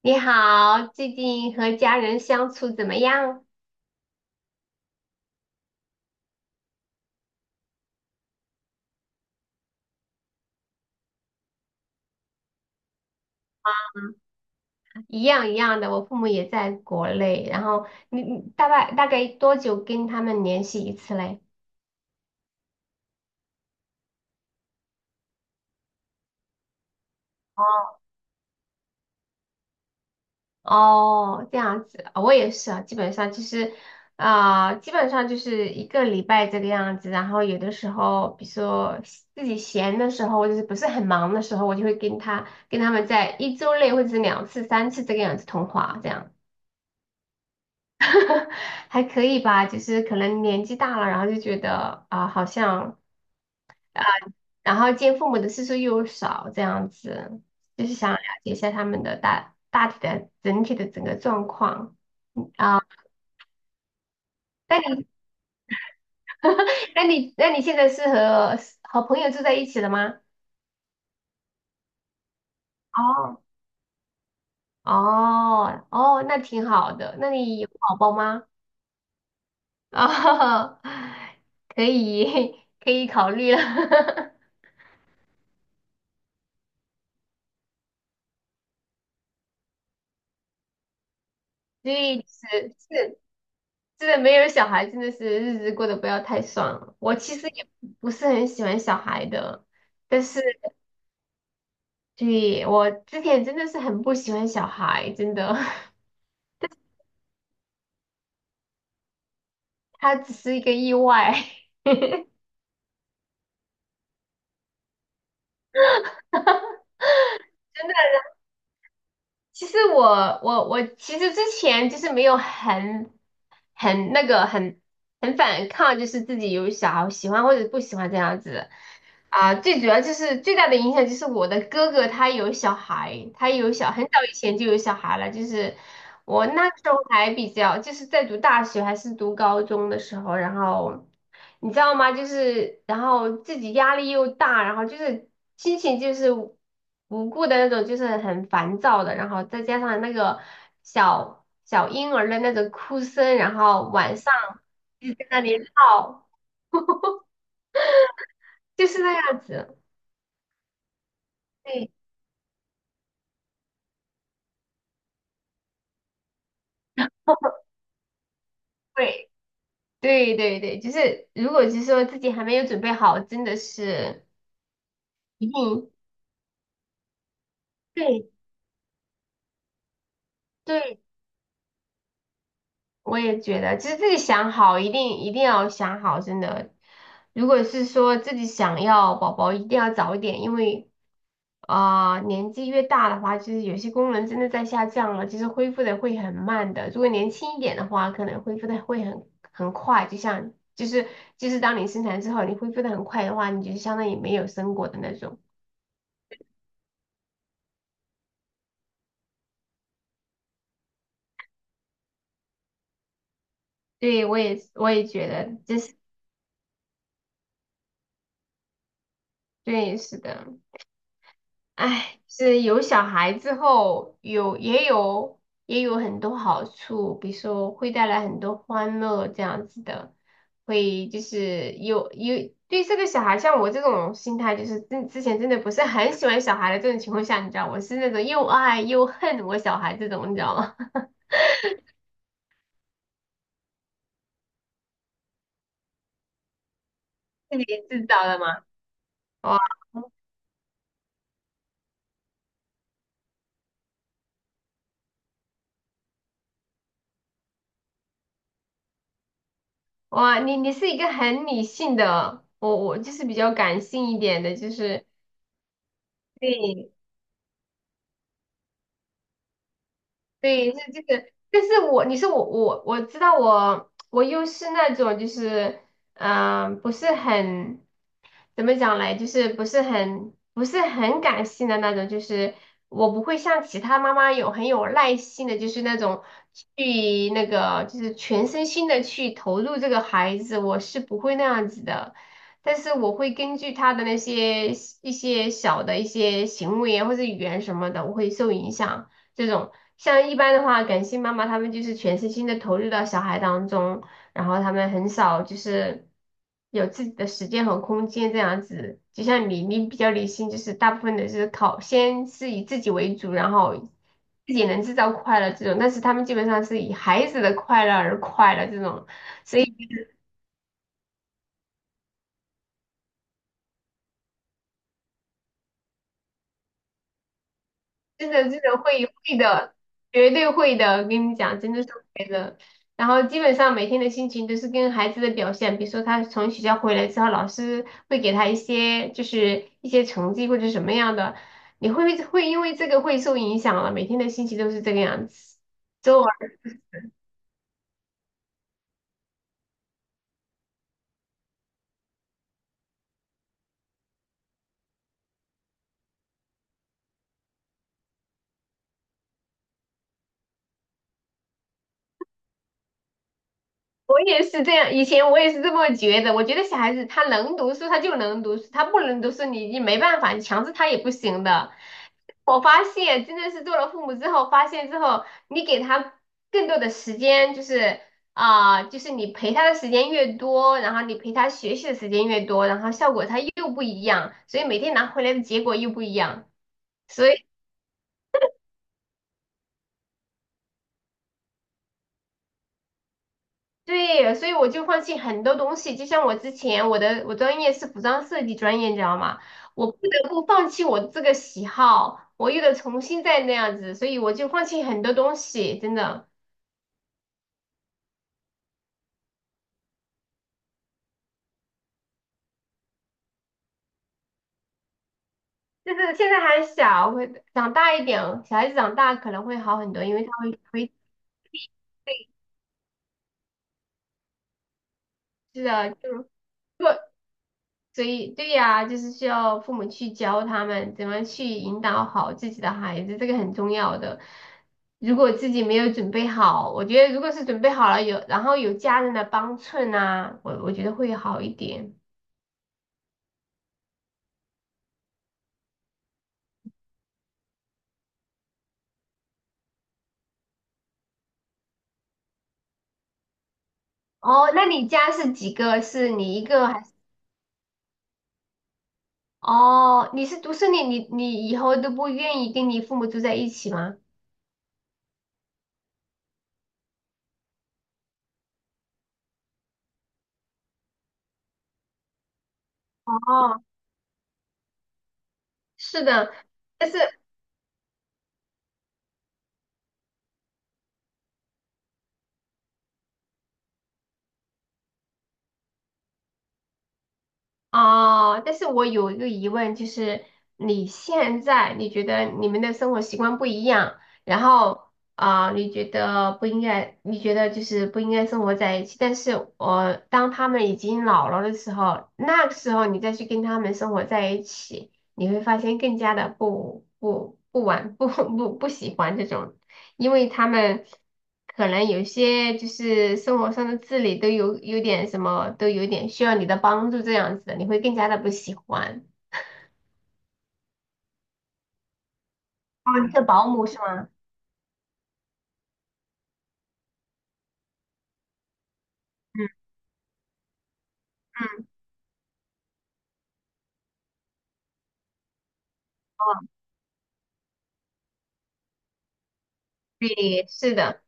你好，最近和家人相处怎么样？一样一样的，我父母也在国内，然后你大概多久跟他们联系一次嘞？哦，哦，这样子，哦我也是啊，基本上就是，基本上就是一个礼拜这个样子。然后有的时候，比如说自己闲的时候，或者是不是很忙的时候，我就会跟他们在一周内或者是两次、三次这个样子通话，这样。还可以吧，就是可能年纪大了，然后就觉得好像啊、然后见父母的次数又少，这样子，就是想了解一下他们的大体的整体的整个状况。嗯啊、那你 那你现在是和朋友住在一起了吗？哦哦哦，那挺好的。那你有宝宝吗？哦，可以 可以考虑了。所以是是。真的没有小孩，真的是日子过得不要太爽了。我其实也不是很喜欢小孩的，但是，对，我之前真的是很不喜欢小孩，真的，他只是一个意外。其实我我其实之前就是没有很很那个很很反抗，就是自己有小孩喜欢或者不喜欢这样子。啊，最主要就是最大的影响就是我的哥哥他有小孩，他有小，很早以前就有小孩了。就是我那个时候还比较，就是在读大学还是读高中的时候，然后你知道吗？就是然后自己压力又大，然后就是心情就是无故的那种，就是很烦躁的，然后再加上那个小小婴儿的那种哭声，然后晚上就在那里闹，就是那样子。对对。对对对，就是如果是说自己还没有准备好，真的是一定。对对，我也觉得，就是自己想好，一定一定要想好，真的。如果是说自己想要宝宝，一定要早一点，因为年纪越大的话，就是有些功能真的在下降了，就是恢复的会很慢的。如果年轻一点的话，可能恢复的会很快，就是当你生产之后，你恢复的很快的话，你就相当于没有生过的那种。对，我也觉得，这是。对，是的。哎，是有小孩之后，有也有很多好处，比如说会带来很多欢乐这样子的，会就是有对这个小孩，像我这种心态，就是之前真的不是很喜欢小孩的这种情况下，你知道，我是那种又爱又恨我小孩这种，你知道吗？是你知道的吗？哇。哇，你是一个很理性的，我就是比较感性一点的，就是。对对，是这个，但是我你是我知道我又是那种就是不是很怎么讲嘞，就是不是很感性的那种，就是我不会像其他妈妈有很有耐心的，就是那种去那个就是全身心的去投入这个孩子，我是不会那样子的。但是我会根据他的那些一些小的一些行为啊或者语言什么的，我会受影响。这种。像一般的话，感性妈妈他们就是全身心的投入到小孩当中，然后他们很少就是有自己的时间和空间这样子。就像你，你比较理性，就是大部分的是先是以自己为主，然后自己能制造快乐这种。但是他们基本上是以孩子的快乐而快乐这种。真的真的会的，绝对会的，我跟你讲，真的是会的。然后基本上每天的心情都是跟孩子的表现，比如说他从学校回来之后，老师会给他一些就是一些成绩或者什么样的，你会因为这个会受影响了，每天的心情都是这个样子。周以我我也是这样，以前我也是这么觉得。我觉得小孩子他能读书，他就能读书；他不能读书，你没办法，你强制他也不行的。我发现，真的是做了父母之后，发现之后，你给他更多的时间，就是就是你陪他的时间越多，然后你陪他学习的时间越多，然后效果他又不一样，所以每天拿回来的结果又不一样。所以。对，所以我就放弃很多东西，就像我之前我专业是服装设计专业，你知道吗？我不得不放弃我这个喜好，我又得重新再那样子，所以我就放弃很多东西，真的。就是现在还小，会长大一点，小孩子长大可能会好很多，因为他会。是的，就是做所以对呀，就是需要父母去教他们怎么去引导好自己的孩子，这个很重要的。如果自己没有准备好，我觉得如果是准备好了有，然后有家人的帮衬啊，我觉得会好一点。哦，那你家是几个？是你一个还是？哦，你是独生女，你以后都不愿意跟你父母住在一起吗？哦，是的，但是。哦，但是我有一个疑问，就是你现在你觉得你们的生活习惯不一样，然后你觉得不应该，你觉得就是不应该生活在一起，但是当他们已经老了的时候，那个时候你再去跟他们生活在一起，你会发现更加的不不不玩不 不喜欢这种。因为他们可能有些就是生活上的自理都有点什么，都有点需要你的帮助这样子的，你会更加的不喜欢。哦，你是保姆是吗？嗯嗯。哦，对，是的。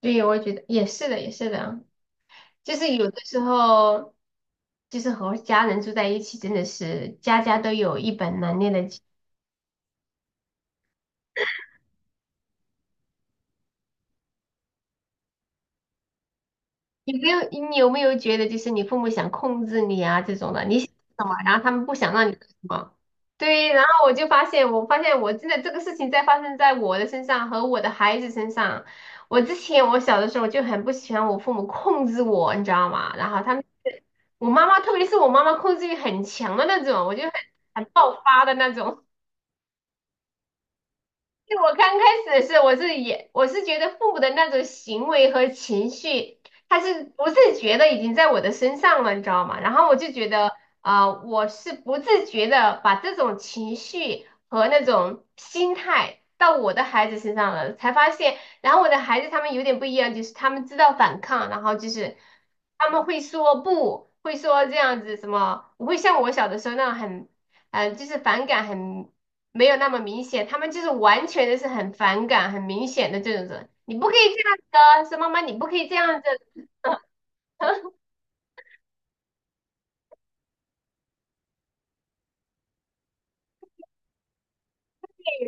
对，我觉得也是的，也是的，就是有的时候，就是和家人住在一起，真的是家家都有一本难念的经。你有没有觉得就是你父母想控制你啊这种的，你想什么，然后他们不想让你做什么？对，然后我就发现，我发现我真的这个事情在发生在我的身上和我的孩子身上。我之前我小的时候就很不喜欢我父母控制我，你知道吗？然后他们是我妈妈，特别是我妈妈控制欲很强的那种，我就很爆发的那种。因为我刚开始是，我是觉得父母的那种行为和情绪，他是不自觉的已经在我的身上了，你知道吗？然后我就觉得我是不自觉的把这种情绪和那种心态到我的孩子身上了，才发现，然后我的孩子他们有点不一样，就是他们知道反抗，然后就是他们会说不，会说这样子什么，不会像我小的时候那样很。嗯，就是反感很没有那么明显，他们就是完全的是很反感、很明显的这种人，你不可以这样子的，说妈妈你不可以这样子的，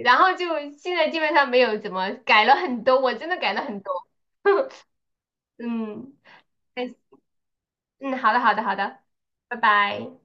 然后就现在基本上没有怎么改了很多，我真的改了很多。嗯。哎，嗯，好的，好的，好的，拜拜。